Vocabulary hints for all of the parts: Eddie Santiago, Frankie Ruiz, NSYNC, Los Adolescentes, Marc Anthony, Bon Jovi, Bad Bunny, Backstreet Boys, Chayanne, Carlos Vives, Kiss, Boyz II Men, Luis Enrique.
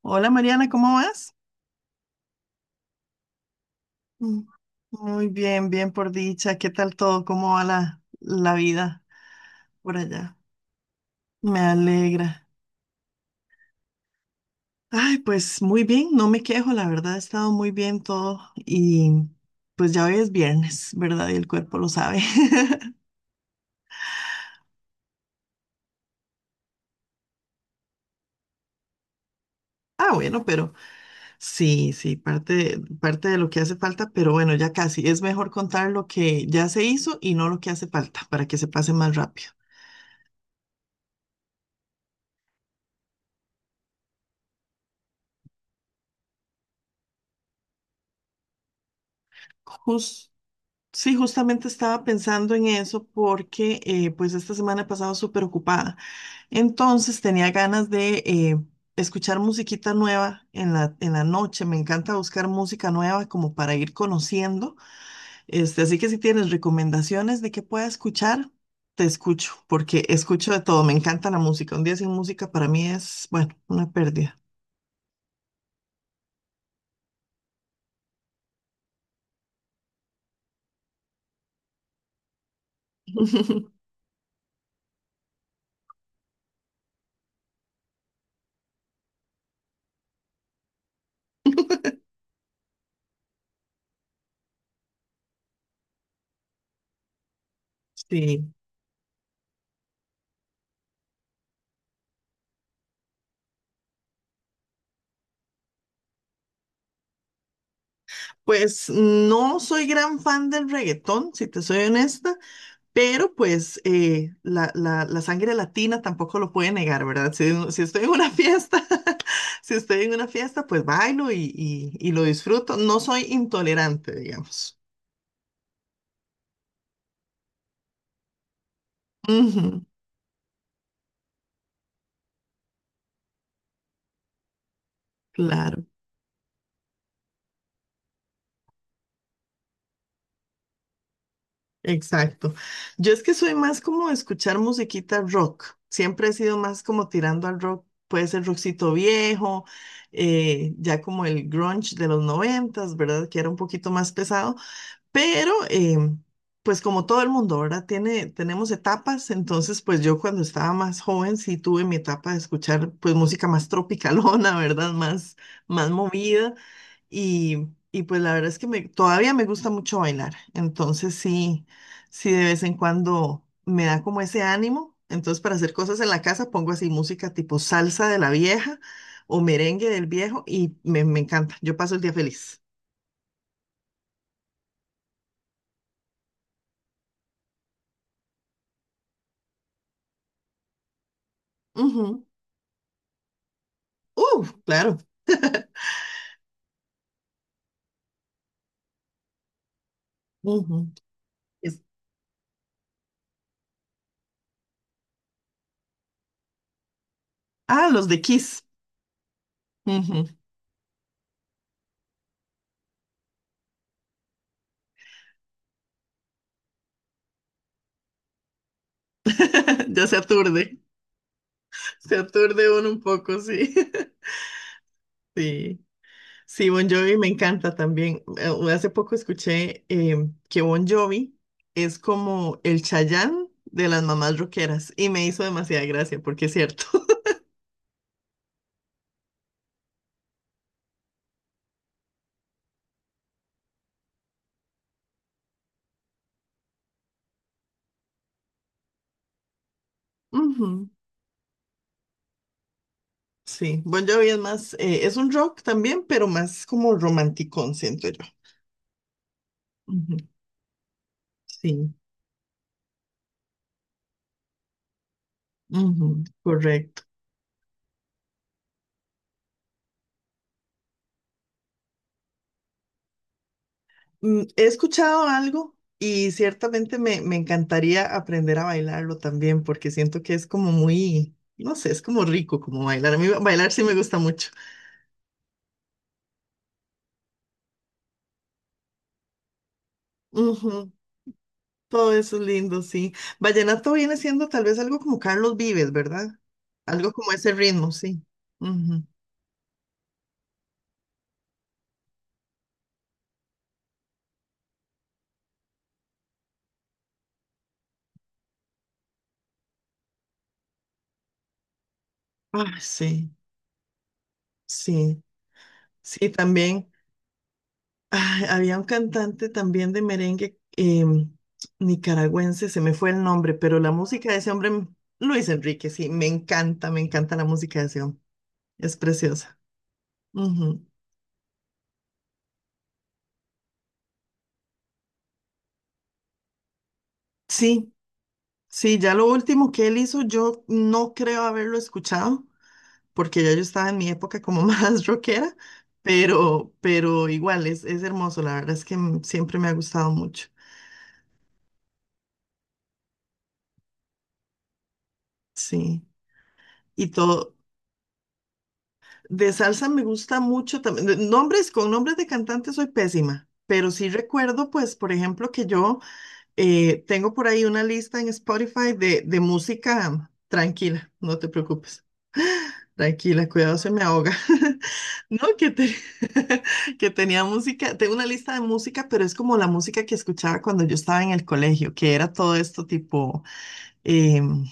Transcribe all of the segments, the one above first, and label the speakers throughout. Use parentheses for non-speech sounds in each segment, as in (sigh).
Speaker 1: Hola Mariana, ¿cómo vas? Mm, Muy bien, bien por dicha. ¿Qué tal todo? ¿Cómo va la vida por allá? Me alegra. Ay, pues muy bien, no me quejo, la verdad ha estado muy bien todo y pues ya hoy es viernes, ¿verdad? Y el cuerpo lo sabe. (laughs) Ah, bueno, pero sí, sí, parte de lo que hace falta, pero bueno, ya casi. Es mejor contar lo que ya se hizo y no lo que hace falta para que se pase más rápido. Sí, justamente estaba pensando en eso porque pues esta semana he pasado súper ocupada. Entonces tenía ganas de escuchar musiquita nueva en la noche. Me encanta buscar música nueva como para ir conociendo. Este, así que si tienes recomendaciones de qué pueda escuchar, te escucho porque escucho de todo. Me encanta la música. Un día sin música para mí es, bueno, una pérdida. (laughs) Sí, pues no soy gran fan del reggaetón, si te soy honesta. Pero pues la sangre latina tampoco lo puede negar, ¿verdad? Si, (laughs) si estoy en una fiesta, (laughs) si estoy en una fiesta, pues bailo y lo disfruto. No soy intolerante, digamos. Ujú, claro, exacto. Yo es que soy más como de escuchar musiquita rock. Siempre he sido más como tirando al rock. Puede ser rockcito viejo, ya como el grunge de los noventas, ¿verdad? Que era un poquito más pesado. Pero, pues como todo el mundo, ¿verdad? Tenemos etapas, entonces pues yo cuando estaba más joven sí tuve mi etapa de escuchar pues música más tropicalona, (laughs) ¿verdad? Más, más movida y pues la verdad es que me, todavía me gusta mucho bailar, entonces sí, sí de vez en cuando me da como ese ánimo, entonces para hacer cosas en la casa pongo así música tipo salsa de la vieja o merengue del viejo y me encanta, yo paso el día feliz. Ujú. Claro. Ujú. Es- Ah, los de Kiss. Ujú. (laughs) Ya se aturde. Se aturde uno un poco, sí. (laughs) Sí. Sí, Bon Jovi me encanta también. Hace poco escuché que Bon Jovi es como el Chayanne de las mamás rockeras y me hizo demasiada gracia porque es cierto. (laughs) Ujú. Sí, Bon Jovi es más, es un rock también, pero más como romanticón, siento yo. Ujú. Sí, ujú, correcto. He escuchado algo y ciertamente me, me encantaría aprender a bailarlo también porque siento que es como muy, no sé, es como rico como bailar. A mí bailar sí me gusta mucho. Ujú. Todo eso es lindo, sí. Vallenato viene siendo tal vez algo como Carlos Vives, ¿verdad? Algo como ese ritmo, sí. Ujú. Ah, sí, sí, sí, también. Ay, había un cantante también de merengue nicaragüense, se me fue el nombre, pero la música de ese hombre. Luis Enrique, sí, me encanta la música de ese hombre, es preciosa. Ujú. Sí, sí, ya lo último que él hizo, yo no creo haberlo escuchado, porque ya yo estaba en mi época como (laughs) más rockera, pero igual es hermoso, la verdad es que siempre me ha gustado mucho, sí, y todo. De salsa me gusta mucho también. Con nombres de cantantes soy pésima, pero sí recuerdo, pues, por ejemplo, que yo tengo por ahí una lista en Spotify de música tranquila, no te preocupes. Tranquila, cuidado, se me ahoga. (laughs) No, (laughs) que tenía música, tengo una lista de música, pero es como la música que escuchaba cuando yo estaba en el colegio, que era todo esto tipo em,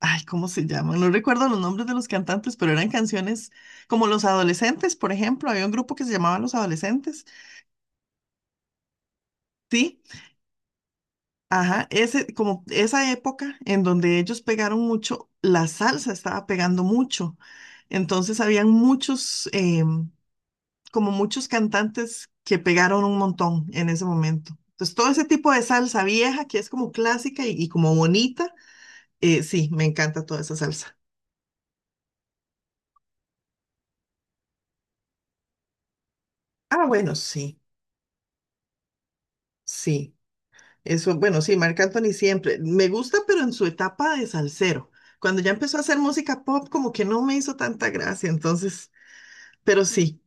Speaker 1: Ay, ¿cómo se llaman? No recuerdo los nombres de los cantantes, pero eran canciones como Los Adolescentes, por ejemplo. Había un grupo que se llamaba Los Adolescentes. Sí, ajá, ese, como esa época en donde ellos pegaron mucho, la salsa estaba pegando mucho. Entonces habían como muchos cantantes que pegaron un montón en ese momento. Entonces todo ese tipo de salsa vieja que es como clásica y como bonita, sí, me encanta toda esa salsa. Ah, bueno, sí, sí. Eso, bueno, sí, Marc Anthony siempre. Me gusta, pero en su etapa de salsero. Cuando ya empezó a hacer música pop, como que no me hizo tanta gracia, entonces, pero sí,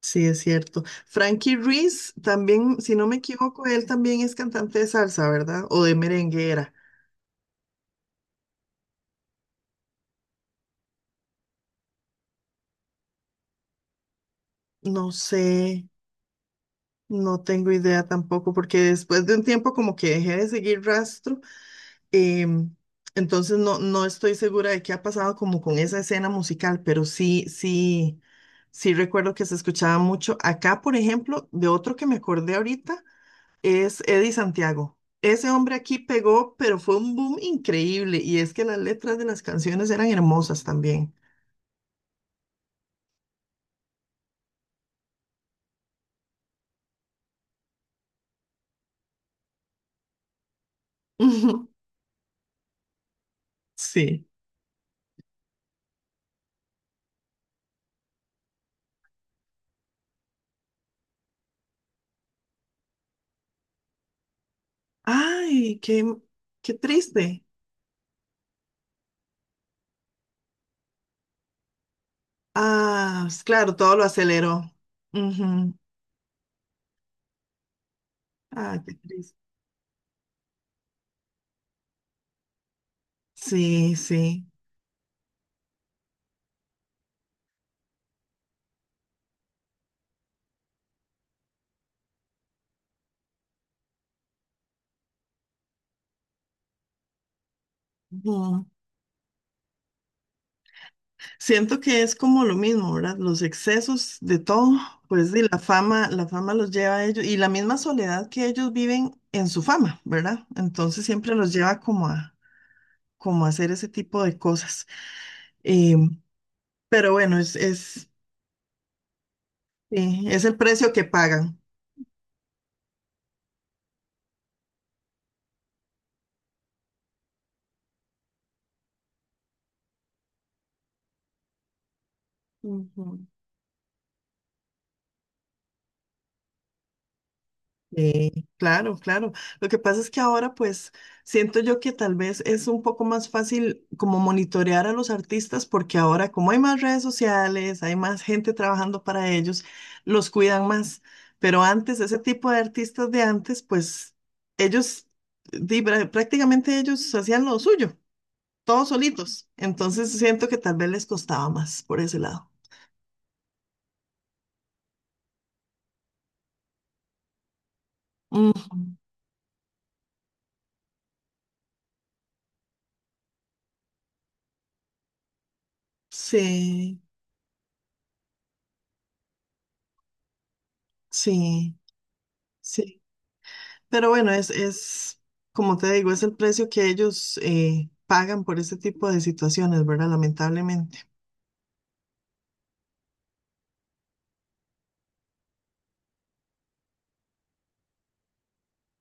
Speaker 1: sí es cierto. Frankie Ruiz también, si no me equivoco, él también es cantante de salsa, ¿verdad? O de merenguera. No sé, no tengo idea tampoco, porque después de un tiempo como que dejé de seguir rastro. Em, entonces no, no estoy segura de qué ha pasado como con esa escena musical, pero sí, sí, sí recuerdo que se escuchaba mucho. Acá, por ejemplo, de otro que me acordé ahorita, es Eddie Santiago. Ese hombre aquí pegó, pero fue un boom increíble. Y es que las letras de las canciones eran hermosas también. Ujú. (laughs) Sí. Ay, qué triste. Ah, claro, todo lo aceleró. Ujú. Ah, qué triste. Sí, sí. Ujú. Siento que es como lo mismo, ¿verdad? Los excesos de todo, pues y la fama, los lleva a ellos y la misma soledad que ellos viven en su fama, ¿verdad? Entonces siempre los lleva como a hacer ese tipo de cosas. Eh, pero bueno, sí, es el precio que pagan. Ujú. Sí, claro, claro. Lo que pasa es que ahora pues siento yo que tal vez es un poco más fácil como monitorear a los artistas porque ahora como hay más redes sociales, hay más gente trabajando para ellos, los cuidan más. Pero antes, ese tipo de artistas de antes, pues ellos, prácticamente ellos hacían lo suyo, todos solitos. Entonces siento que tal vez les costaba más por ese lado. Ujú. Sí, sí, sí. Pero bueno, como te digo, es el precio que ellos pagan por este tipo de situaciones, ¿verdad? Lamentablemente.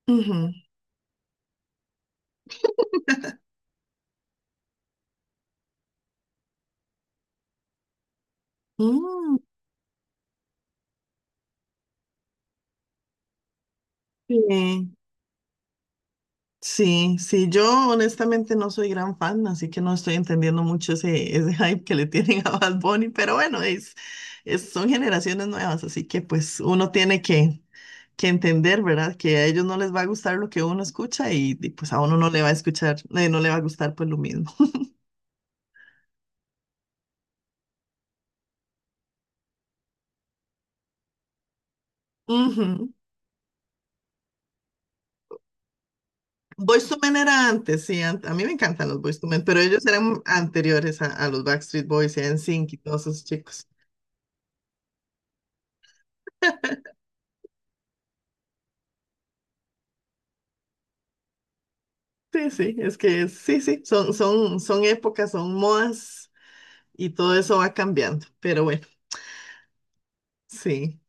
Speaker 1: Ujú. Mm, sí. Sí, sí, yo honestamente no soy gran fan, así que no estoy entendiendo mucho ese (laughs) hype que le tienen a Bad Bunny, pero bueno, son generaciones nuevas, así que pues uno tiene que entender, ¿verdad? Que a ellos no les va a gustar lo que uno escucha pues a uno no le va a escuchar, no le va a gustar pues lo mismo. (laughs) Boyz II Men era antes, sí, a mí me encantan los Boyz II Men, pero ellos eran anteriores a los Backstreet Boys y a NSYNC y todos esos chicos. Sí, sí, es que sí, sí, son épocas, son modas y todo eso va cambiando, pero bueno, sí.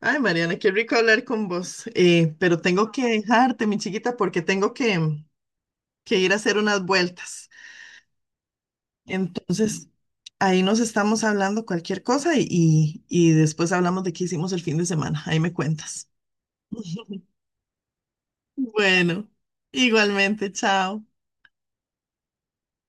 Speaker 1: Ay, Mariana, qué rico hablar con vos, pero tengo que dejarte, mi chiquita, porque tengo que ir a hacer unas vueltas. Entonces, ahí nos estamos hablando cualquier cosa y después hablamos de qué hicimos el fin de semana. Ahí me cuentas. Bueno, igualmente, chao.